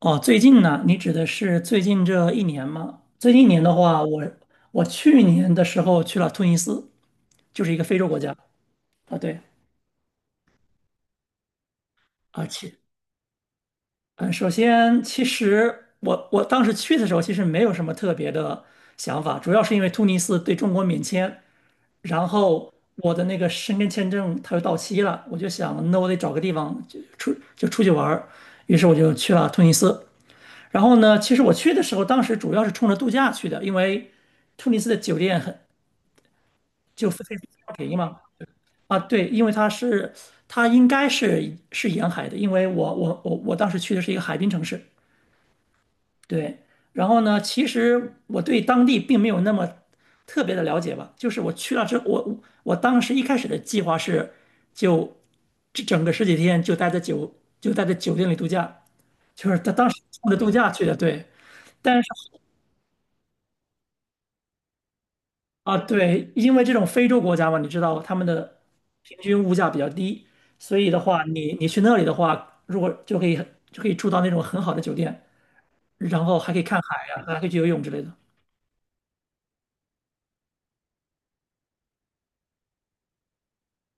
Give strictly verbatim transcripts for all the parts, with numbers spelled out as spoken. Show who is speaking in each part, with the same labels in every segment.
Speaker 1: 哦，最近呢？你指的是最近这一年吗？最近一年的话，我我去年的时候去了突尼斯，就是一个非洲国家啊。对，而且，嗯，首先，其实我我当时去的时候，其实没有什么特别的想法，主要是因为突尼斯对中国免签，然后我的那个申根签证它又到期了，我就想，那我得找个地方就出就出去玩儿，于是我就去了突尼斯。然后呢，其实我去的时候，当时主要是冲着度假去的，因为突尼斯的酒店很就非非常便宜嘛。啊，对，因为它是它应该是是沿海的，因为我我我我当时去的是一个海滨城市。对，然后呢，其实我对当地并没有那么特别的了解吧，就是我去了之后，我我当时一开始的计划是就这整个十几天就待在酒就待在酒店里度假，就是他当时冲着度假去的，对。但是。啊，对，因为这种非洲国家嘛，你知道他们的平均物价比较低，所以的话，你你去那里的话，如果就可以就可以住到那种很好的酒店，然后还可以看海呀、还可以去游泳之类的。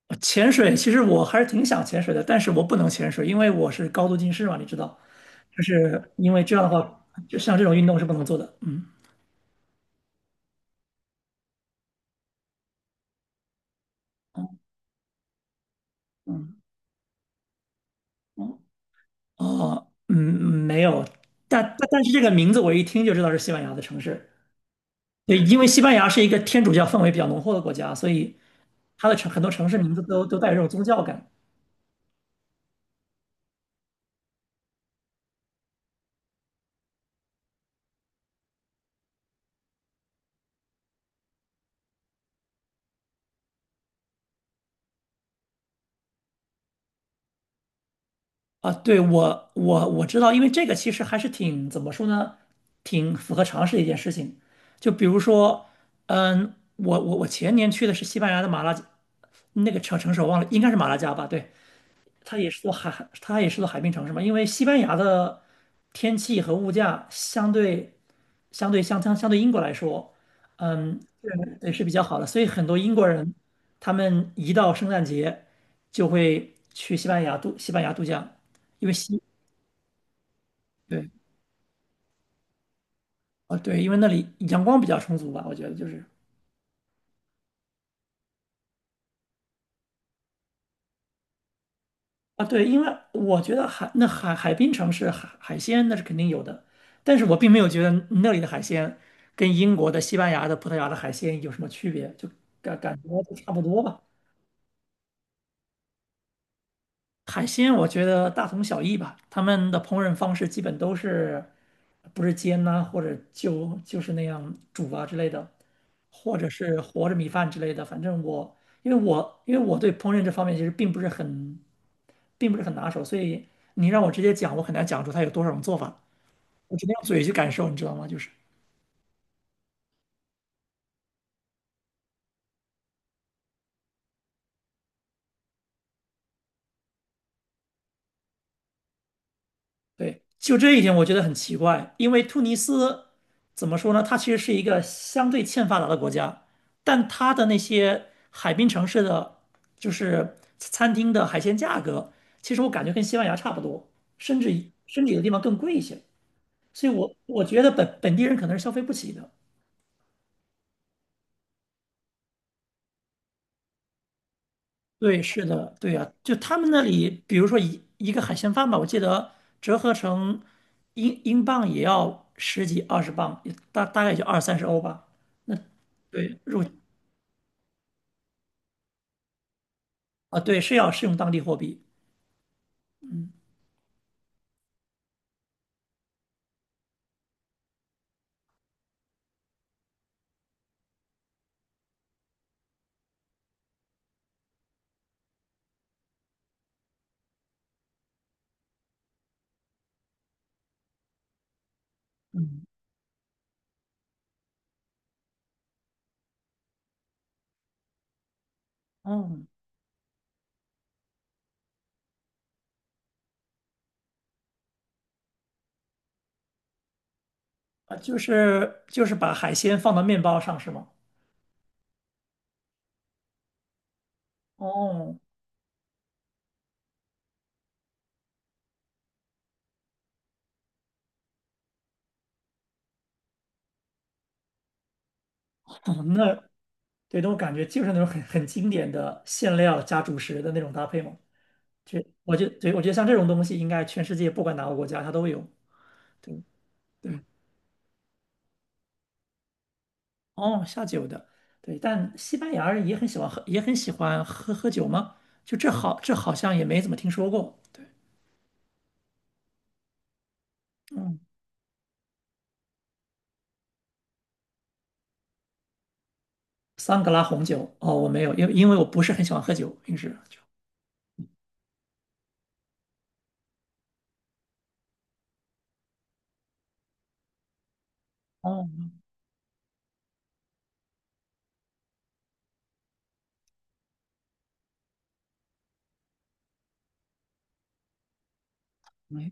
Speaker 1: 呃潜水其实我还是挺想潜水的，但是我不能潜水，因为我是高度近视嘛，你知道，就是因为这样的话，就像这种运动是不能做的。嗯。嗯。哦。哦嗯，没有，但但但是这个名字我一听就知道是西班牙的城市。对，因为西班牙是一个天主教氛围比较浓厚的国家，所以它的城很多城市名字都都带有这种宗教感啊。对，我我我知道，因为这个其实还是挺怎么说呢，挺符合常识的一件事情。就比如说，嗯，我我我前年去的是西班牙的马拉加那个城城市，我忘了，应该是马拉加吧？对，它也是座海，它也是座海滨城市嘛。因为西班牙的天气和物价相对相对相相相对英国来说，嗯，是，对，是比较好的。所以很多英国人，他们一到圣诞节就会去西班牙度西班牙度假，因为西，对，啊对，因为那里阳光比较充足吧，我觉得就是啊对，因为我觉得海那海海滨城市海海鲜那是肯定有的，但是我并没有觉得那里的海鲜跟英国的、西班牙的、葡萄牙的海鲜有什么区别，就感感觉都差不多吧。海鲜我觉得大同小异吧，他们的烹饪方式基本都是，不是煎呐、或者就就是那样煮啊之类的，或者是和着米饭之类的。反正我，因为我因为我对烹饪这方面其实并不是很，并不是很拿手，所以你让我直接讲，我很难讲出它有多少种做法，我只能用嘴去感受，你知道吗？就是。对，就这一点我觉得很奇怪，因为突尼斯怎么说呢？它其实是一个相对欠发达的国家，但它的那些海滨城市的，就是餐厅的海鲜价格，其实我感觉跟西班牙差不多，甚至甚至有的地方更贵一些。所以我，我觉得本本地人可能是消费不起的。对，是的，对呀，就他们那里，比如说一一个海鲜饭吧，我记得折合成英英镑也要十几二十磅，也大大概也就二三十欧吧。那。对，入啊，对，是要是用当地货币。嗯。嗯。哦。啊，就是就是把海鲜放到面包上是吗？哦，那对，那我感觉就是那种很很经典的馅料加主食的那种搭配嘛。这我觉对，我觉得像这种东西，应该全世界不管哪个国家它都有。对，对，哦，下酒的，对，但西班牙人也很喜欢喝，也很喜欢喝喝酒吗？就这好，这好像也没怎么听说过。对，嗯。桑格拉红酒哦，我没有，因为因为我不是很喜欢喝酒，平时就哦。没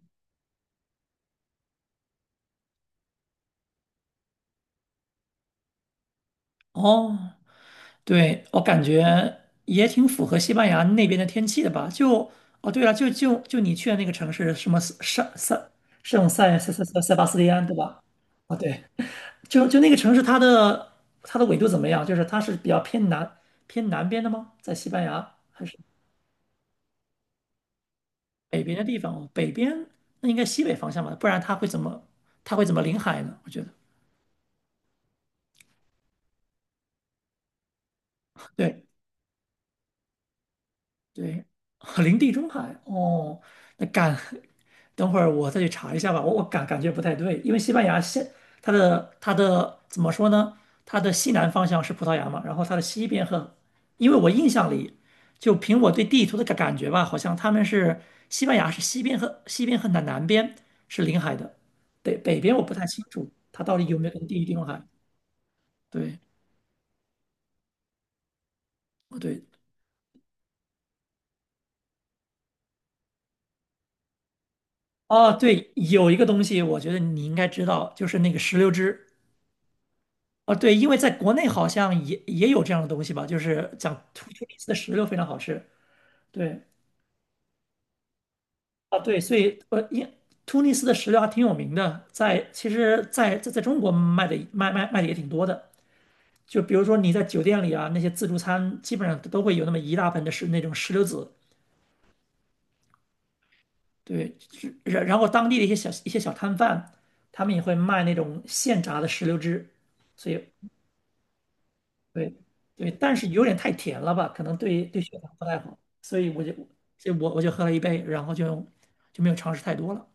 Speaker 1: 哦，对，我感觉也挺符合西班牙那边的天气的吧？就哦，对了，就就就你去的那个城市，什么圣圣圣塞塞塞塞塞巴斯蒂安，对吧？哦，对，就就那个城市，它的它的纬度怎么样？就是它是比较偏南偏南边的吗？在西班牙还是北边的地方？哦，北边那应该西北方向吧，不然它会怎么它会怎么临海呢？我觉得。对。对，林地中海哦，那感，等会儿我再去查一下吧。我我感感觉不太对，因为西班牙现它的它的怎么说呢？它的西南方向是葡萄牙嘛，然后它的西边和，因为我印象里，就凭我对地图的感感觉吧，好像他们是西班牙是西边和西边和南南边是临海的，北北边我不太清楚它到底有没有跟地地中海。对，哦对，哦对，有一个东西我觉得你应该知道，就是那个石榴汁。哦，对，因为在国内好像也也有这样的东西吧，就是讲突突尼斯的石榴非常好吃。对，啊，对，所以呃，因突尼斯的石榴还挺有名的，在其实在，在在中国卖的卖卖卖的也挺多的。就比如说你在酒店里啊，那些自助餐基本上都会有那么一大盆的石那种石榴籽。对，是然然后当地的一些小一些小摊贩，他们也会卖那种现榨的石榴汁，所以对，对，但是有点太甜了吧，可能对对血糖不太好，所以我就所以我我就喝了一杯，然后就就没有尝试太多了。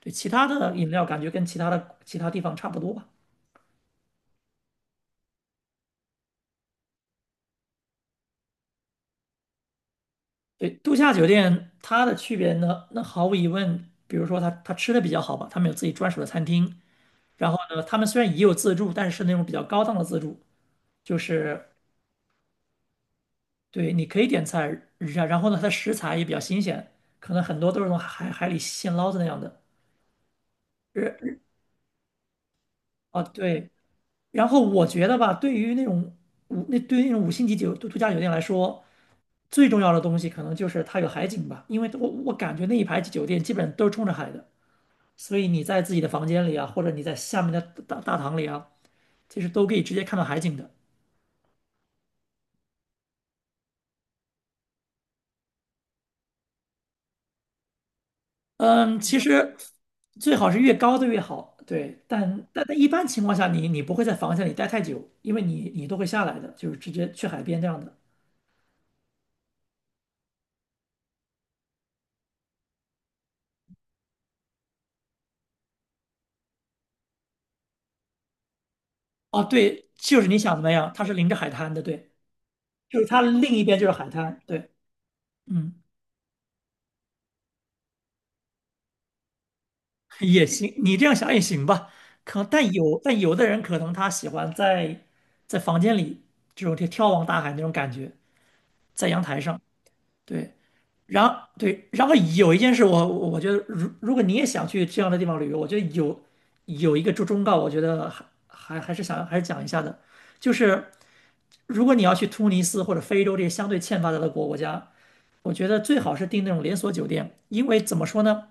Speaker 1: 对，其他的饮料感觉跟其他的其他地方差不多吧。对，度假酒店它的区别呢，那毫无疑问，比如说它它吃的比较好吧，他们有自己专属的餐厅，然后呢，他们虽然也有自助，但是是那种比较高档的自助，就是对，你可以点菜，然然后呢，它的食材也比较新鲜，可能很多都是从海海里现捞的那样的。日哦，对然后我觉得吧，对于那种五那对于那种五星级酒度度假酒店来说，最重要的东西可能就是它有海景吧，因为我我感觉那一排酒店基本都是冲着海的，所以你在自己的房间里啊，或者你在下面的大大堂里啊，其实都可以直接看到海景的。嗯，其实最好是越高的越好，对，但但但一般情况下你，你不会在房间里待太久，因为你你都会下来的，就是直接去海边这样的。哦，对，就是你想怎么样，它是临着海滩的，对。就是它另一边就是海滩，对，嗯，也行，你这样想也行吧。可但有但有的人可能他喜欢在在房间里这种眺眺望大海那种感觉，在阳台上，对。然后对，然后有一件事我我我觉得如如果你也想去这样的地方旅游，我觉得有有一个忠忠告，我觉得还还还是想还是讲一下的，就是。如果你要去突尼斯或者非洲这些相对欠发达的国国家，我觉得最好是订那种连锁酒店，因为怎么说呢，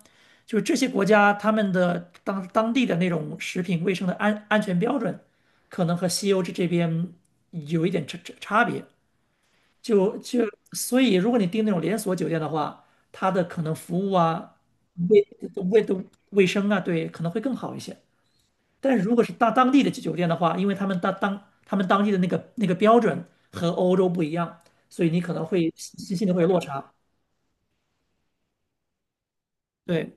Speaker 1: 就是这些国家他们的当当地的那种食品卫生的安安全标准，可能和西欧这这边有一点差差差别。就就所以，如果你订那种连锁酒店的话，它的可能服务啊、卫卫的卫生啊，对，可能会更好一些。但是如果是到当地的酒店的话，因为他们当当他们当地的那个那个标准和欧洲不一样，所以你可能会心心里会有落差。对，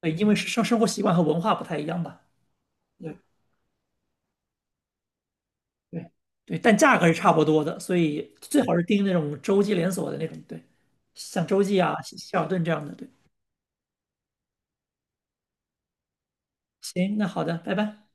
Speaker 1: 对，因为生生活习惯和文化不太一样吧。对对对，但价格是差不多的，所以最好是订那种洲际连锁的那种，对，像洲际啊、希尔顿这样的。对，行，那好的，拜拜。